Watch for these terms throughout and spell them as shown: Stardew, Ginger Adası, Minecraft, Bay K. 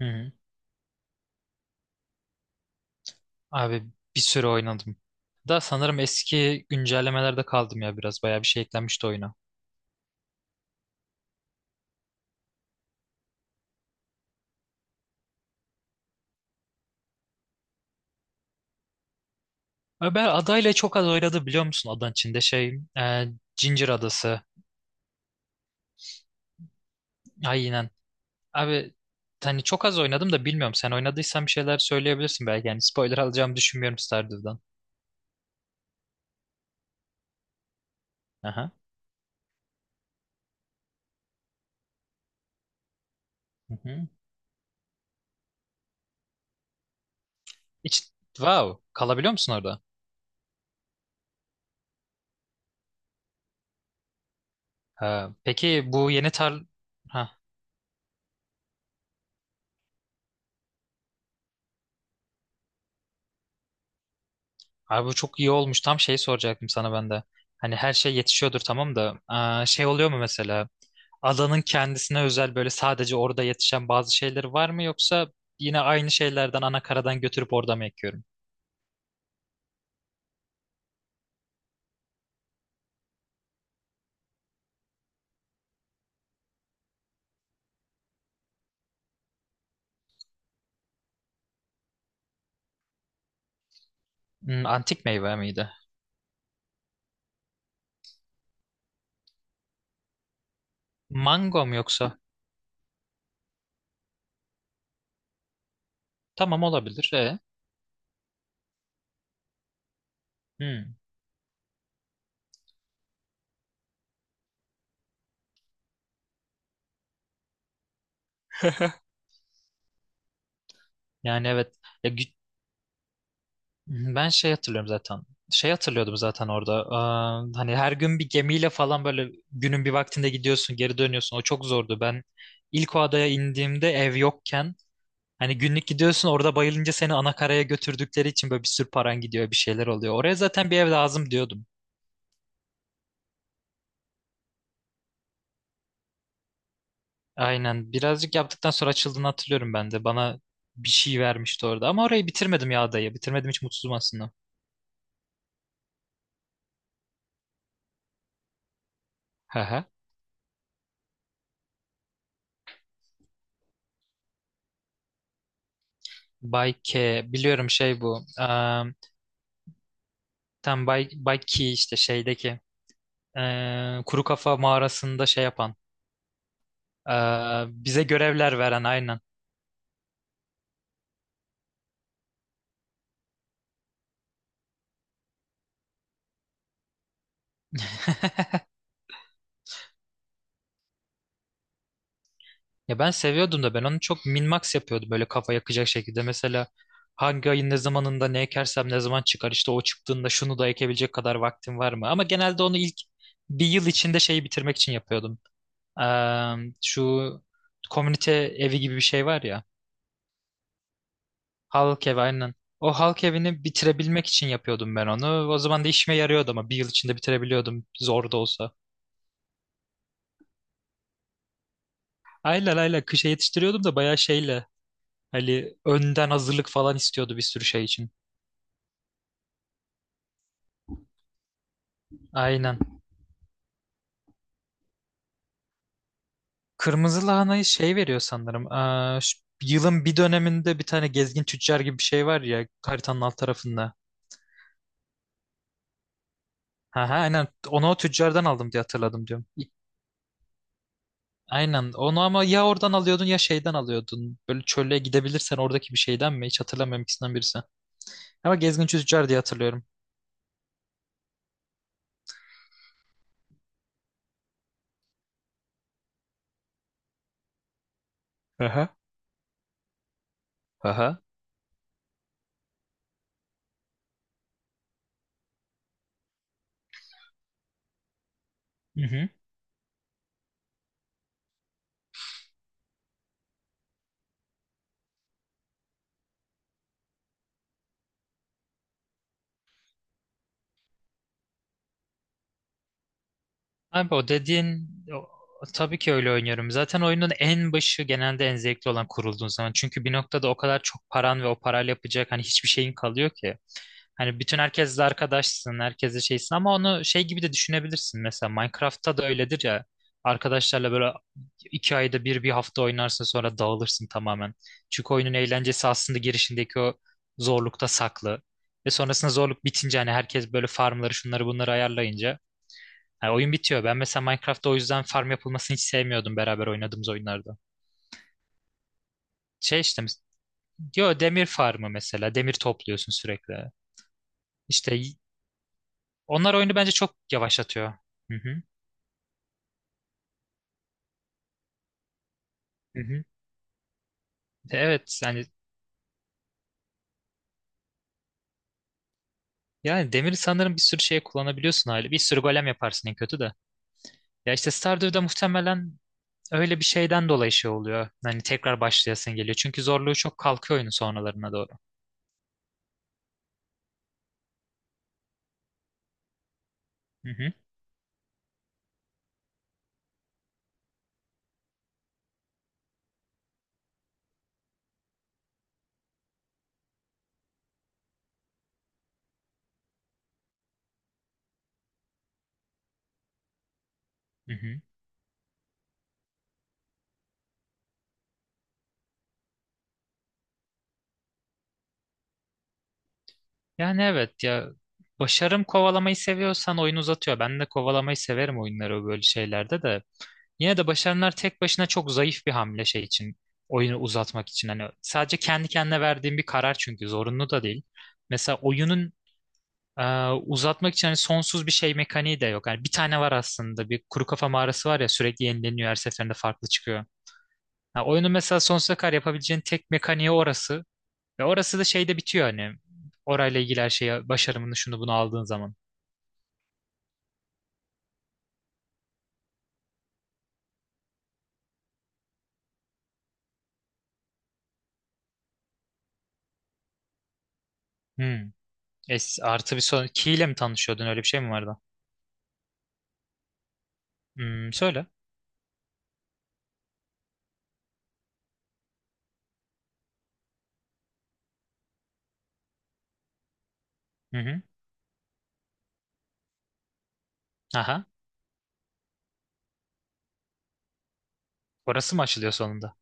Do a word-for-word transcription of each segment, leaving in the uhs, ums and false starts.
Hı hı. Abi bir süre oynadım. Da sanırım eski güncellemelerde kaldım ya biraz. Bayağı bir şey eklenmişti oyuna. Abi ben adayla çok az oynadı biliyor musun? Adanın içinde şey e, Ginger Adası. Aynen. Abi hani çok az oynadım da bilmiyorum. Sen oynadıysan bir şeyler söyleyebilirsin belki. Yani spoiler alacağımı düşünmüyorum Stardew'dan. Aha. Hı hı. Hiç, wow. Kalabiliyor musun orada? Ha, peki bu yeni tar... Ha, Abi bu çok iyi olmuş. Tam şey soracaktım sana ben de. Hani her şey yetişiyordur tamam da aa, şey oluyor mu mesela? Adanın kendisine özel böyle sadece orada yetişen bazı şeyler var mı yoksa yine aynı şeylerden ana karadan götürüp orada mı ekiyorum? Hmm, antik meyve miydi? Mango mu yoksa? Tamam olabilir. E. Hmm. Yani evet. Ya, gü- Ben şey hatırlıyorum zaten. Şey hatırlıyordum zaten orada. Eee, hani her gün bir gemiyle falan böyle günün bir vaktinde gidiyorsun, geri dönüyorsun. O çok zordu. Ben ilk o adaya indiğimde ev yokken hani günlük gidiyorsun orada bayılınca seni ana karaya götürdükleri için böyle bir sürü paran gidiyor, bir şeyler oluyor. Oraya zaten bir ev lazım diyordum. Aynen. Birazcık yaptıktan sonra açıldığını hatırlıyorum ben de. Bana bir şey vermişti orada. Ama orayı bitirmedim ya adayı. Bitirmedim hiç mutsuzum aslında. Hı hı. Bay K. Biliyorum şey bu. Tam Bay, Bay Key işte şeydeki eee, kuru kafa mağarasında şey yapan eee, bize görevler veren aynen. Ya ben seviyordum da ben onu çok min-max yapıyordum böyle kafa yakacak şekilde. Mesela hangi ayın ne zamanında ne ekersem ne zaman çıkar işte o çıktığında şunu da ekebilecek kadar vaktim var mı? Ama genelde onu ilk bir yıl içinde şeyi bitirmek için yapıyordum. Eee, şu komünite evi gibi bir şey var ya. Halk evi aynen. O halk evini bitirebilmek için yapıyordum ben onu. O zaman da işime yarıyordu ama bir yıl içinde bitirebiliyordum zor da olsa. Ayla ayla kışa yetiştiriyordum da bayağı şeyle. Hani önden hazırlık falan istiyordu bir sürü şey için. Aynen. Kırmızı lahanayı şey veriyor sanırım. Aa, şu yılın bir döneminde bir tane gezgin tüccar gibi bir şey var ya haritanın alt tarafında. Ha ha aynen onu o tüccardan aldım diye hatırladım diyorum. Aynen. Onu ama ya oradan alıyordun ya şeyden alıyordun. Böyle çöle gidebilirsen oradaki bir şeyden mi? Hiç hatırlamıyorum ikisinden birisi. Ama gezgin tüccar diye hatırlıyorum. Aha, aha. Hı hı. Abi o dediğin o- tabii ki öyle oynuyorum. Zaten oyunun en başı genelde en zevkli olan kurulduğun zaman. Çünkü bir noktada o kadar çok paran ve o parayla yapacak hani hiçbir şeyin kalıyor ki. Hani bütün herkesle arkadaşsın, herkesle şeysin ama onu şey gibi de düşünebilirsin. Mesela Minecraft'ta da öyledir ya. Arkadaşlarla böyle iki ayda bir bir hafta oynarsın sonra dağılırsın tamamen. Çünkü oyunun eğlencesi aslında girişindeki o zorlukta saklı. Ve sonrasında zorluk bitince hani herkes böyle farmları şunları bunları ayarlayınca hani oyun bitiyor. Ben mesela Minecraft'ta o yüzden farm yapılmasını hiç sevmiyordum beraber oynadığımız oyunlarda. Şey işte diyor demir farmı mesela demir topluyorsun sürekli. İşte onlar oyunu bence çok yavaşlatıyor. Hı hı, hı hı. Evet yani yani demiri sanırım bir sürü şeye kullanabiliyorsun hali. Bir sürü golem yaparsın en kötü de. Ya işte Stardew'da muhtemelen öyle bir şeyden dolayı şey oluyor. Hani tekrar başlayasın geliyor. Çünkü zorluğu çok kalkıyor oyunun sonralarına doğru. Hı hı, hı hı. Yani evet ya başarım kovalamayı seviyorsan oyunu uzatıyor. Ben de kovalamayı severim oyunları böyle şeylerde de. Yine de başaranlar tek başına çok zayıf bir hamle şey için. Oyunu uzatmak için. Hani sadece kendi kendine verdiğim bir karar çünkü zorunlu da değil. Mesela oyunun e, uzatmak için hani sonsuz bir şey mekaniği de yok. Yani bir tane var aslında. Bir kuru kafa mağarası var ya sürekli yenileniyor her seferinde farklı çıkıyor. Ha, oyunun mesela sonsuza kadar yapabileceğin tek mekaniği orası. Ve orası da şeyde bitiyor hani. Orayla ilgili her şeye başarımını şunu bunu aldığın zaman. Hmm. Es, artı bir son. Key ile mi tanışıyordun öyle bir şey mi vardı? Hmm, söyle. Hı hı. Aha. Orası mı açılıyor sonunda?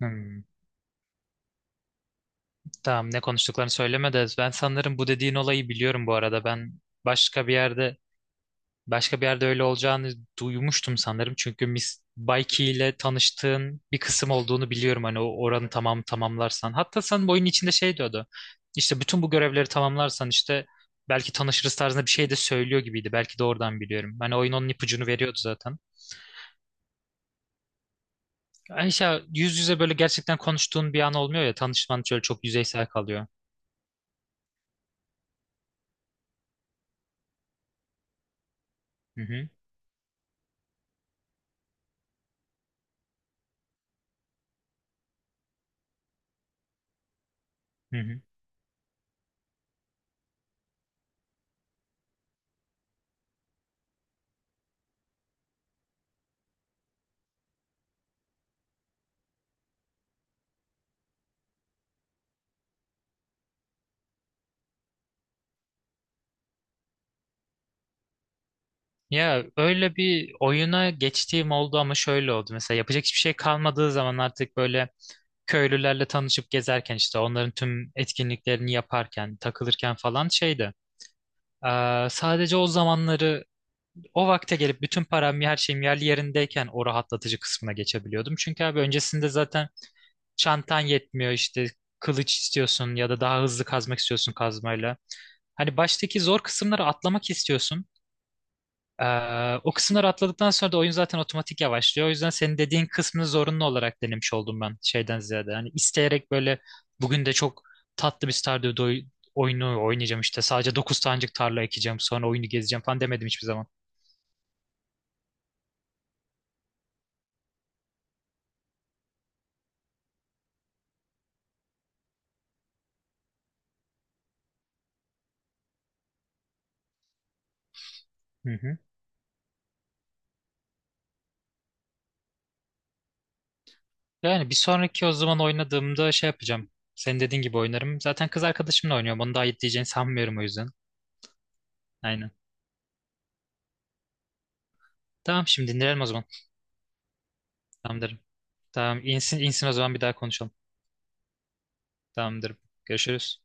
Hmm. Tamam ne konuştuklarını söyleme de ben sanırım bu dediğin olayı biliyorum bu arada. Ben başka bir yerde başka bir yerde öyle olacağını duymuştum sanırım. Çünkü Miss Baiki ile tanıştığın bir kısım olduğunu biliyorum. Hani o oranı tamam tamamlarsan. Hatta sanırım oyunun içinde şey diyordu. İşte bütün bu görevleri tamamlarsan işte belki tanışırız tarzında bir şey de söylüyor gibiydi. Belki de oradan biliyorum. Hani oyun onun ipucunu veriyordu zaten. Yani işte yüz yüze böyle gerçekten konuştuğun bir an olmuyor ya. Tanışman şöyle çok yüzeysel kalıyor. Hı hı. Hı hı. Ya öyle bir oyuna geçtiğim oldu ama şöyle oldu. Mesela yapacak hiçbir şey kalmadığı zaman artık böyle köylülerle tanışıp gezerken işte onların tüm etkinliklerini yaparken, takılırken falan şeydi. Ee, sadece o zamanları o vakte gelip bütün param her şeyim yerli yerindeyken o rahatlatıcı kısmına geçebiliyordum. Çünkü abi öncesinde zaten çantan yetmiyor işte kılıç istiyorsun ya da daha hızlı kazmak istiyorsun kazmayla. Hani baştaki zor kısımları atlamak istiyorsun. Ee, o kısımları atladıktan sonra da oyun zaten otomatik yavaşlıyor. O yüzden senin dediğin kısmını zorunlu olarak denemiş oldum ben şeyden ziyade. Hani isteyerek böyle bugün de çok tatlı bir Stardew doy- oyunu oynayacağım işte. Sadece dokuz tanecik tarla ekeceğim sonra oyunu gezeceğim falan demedim hiçbir zaman. Hı hı. Yani bir sonraki o zaman oynadığımda şey yapacağım. Senin dediğin gibi oynarım. Zaten kız arkadaşımla oynuyorum. Onu da ayıp diyeceğini sanmıyorum o yüzden. Aynen. Tamam şimdi dinleyelim o zaman. Tamamdır. Tamam insin, insin o zaman bir daha konuşalım. Tamamdır. Görüşürüz.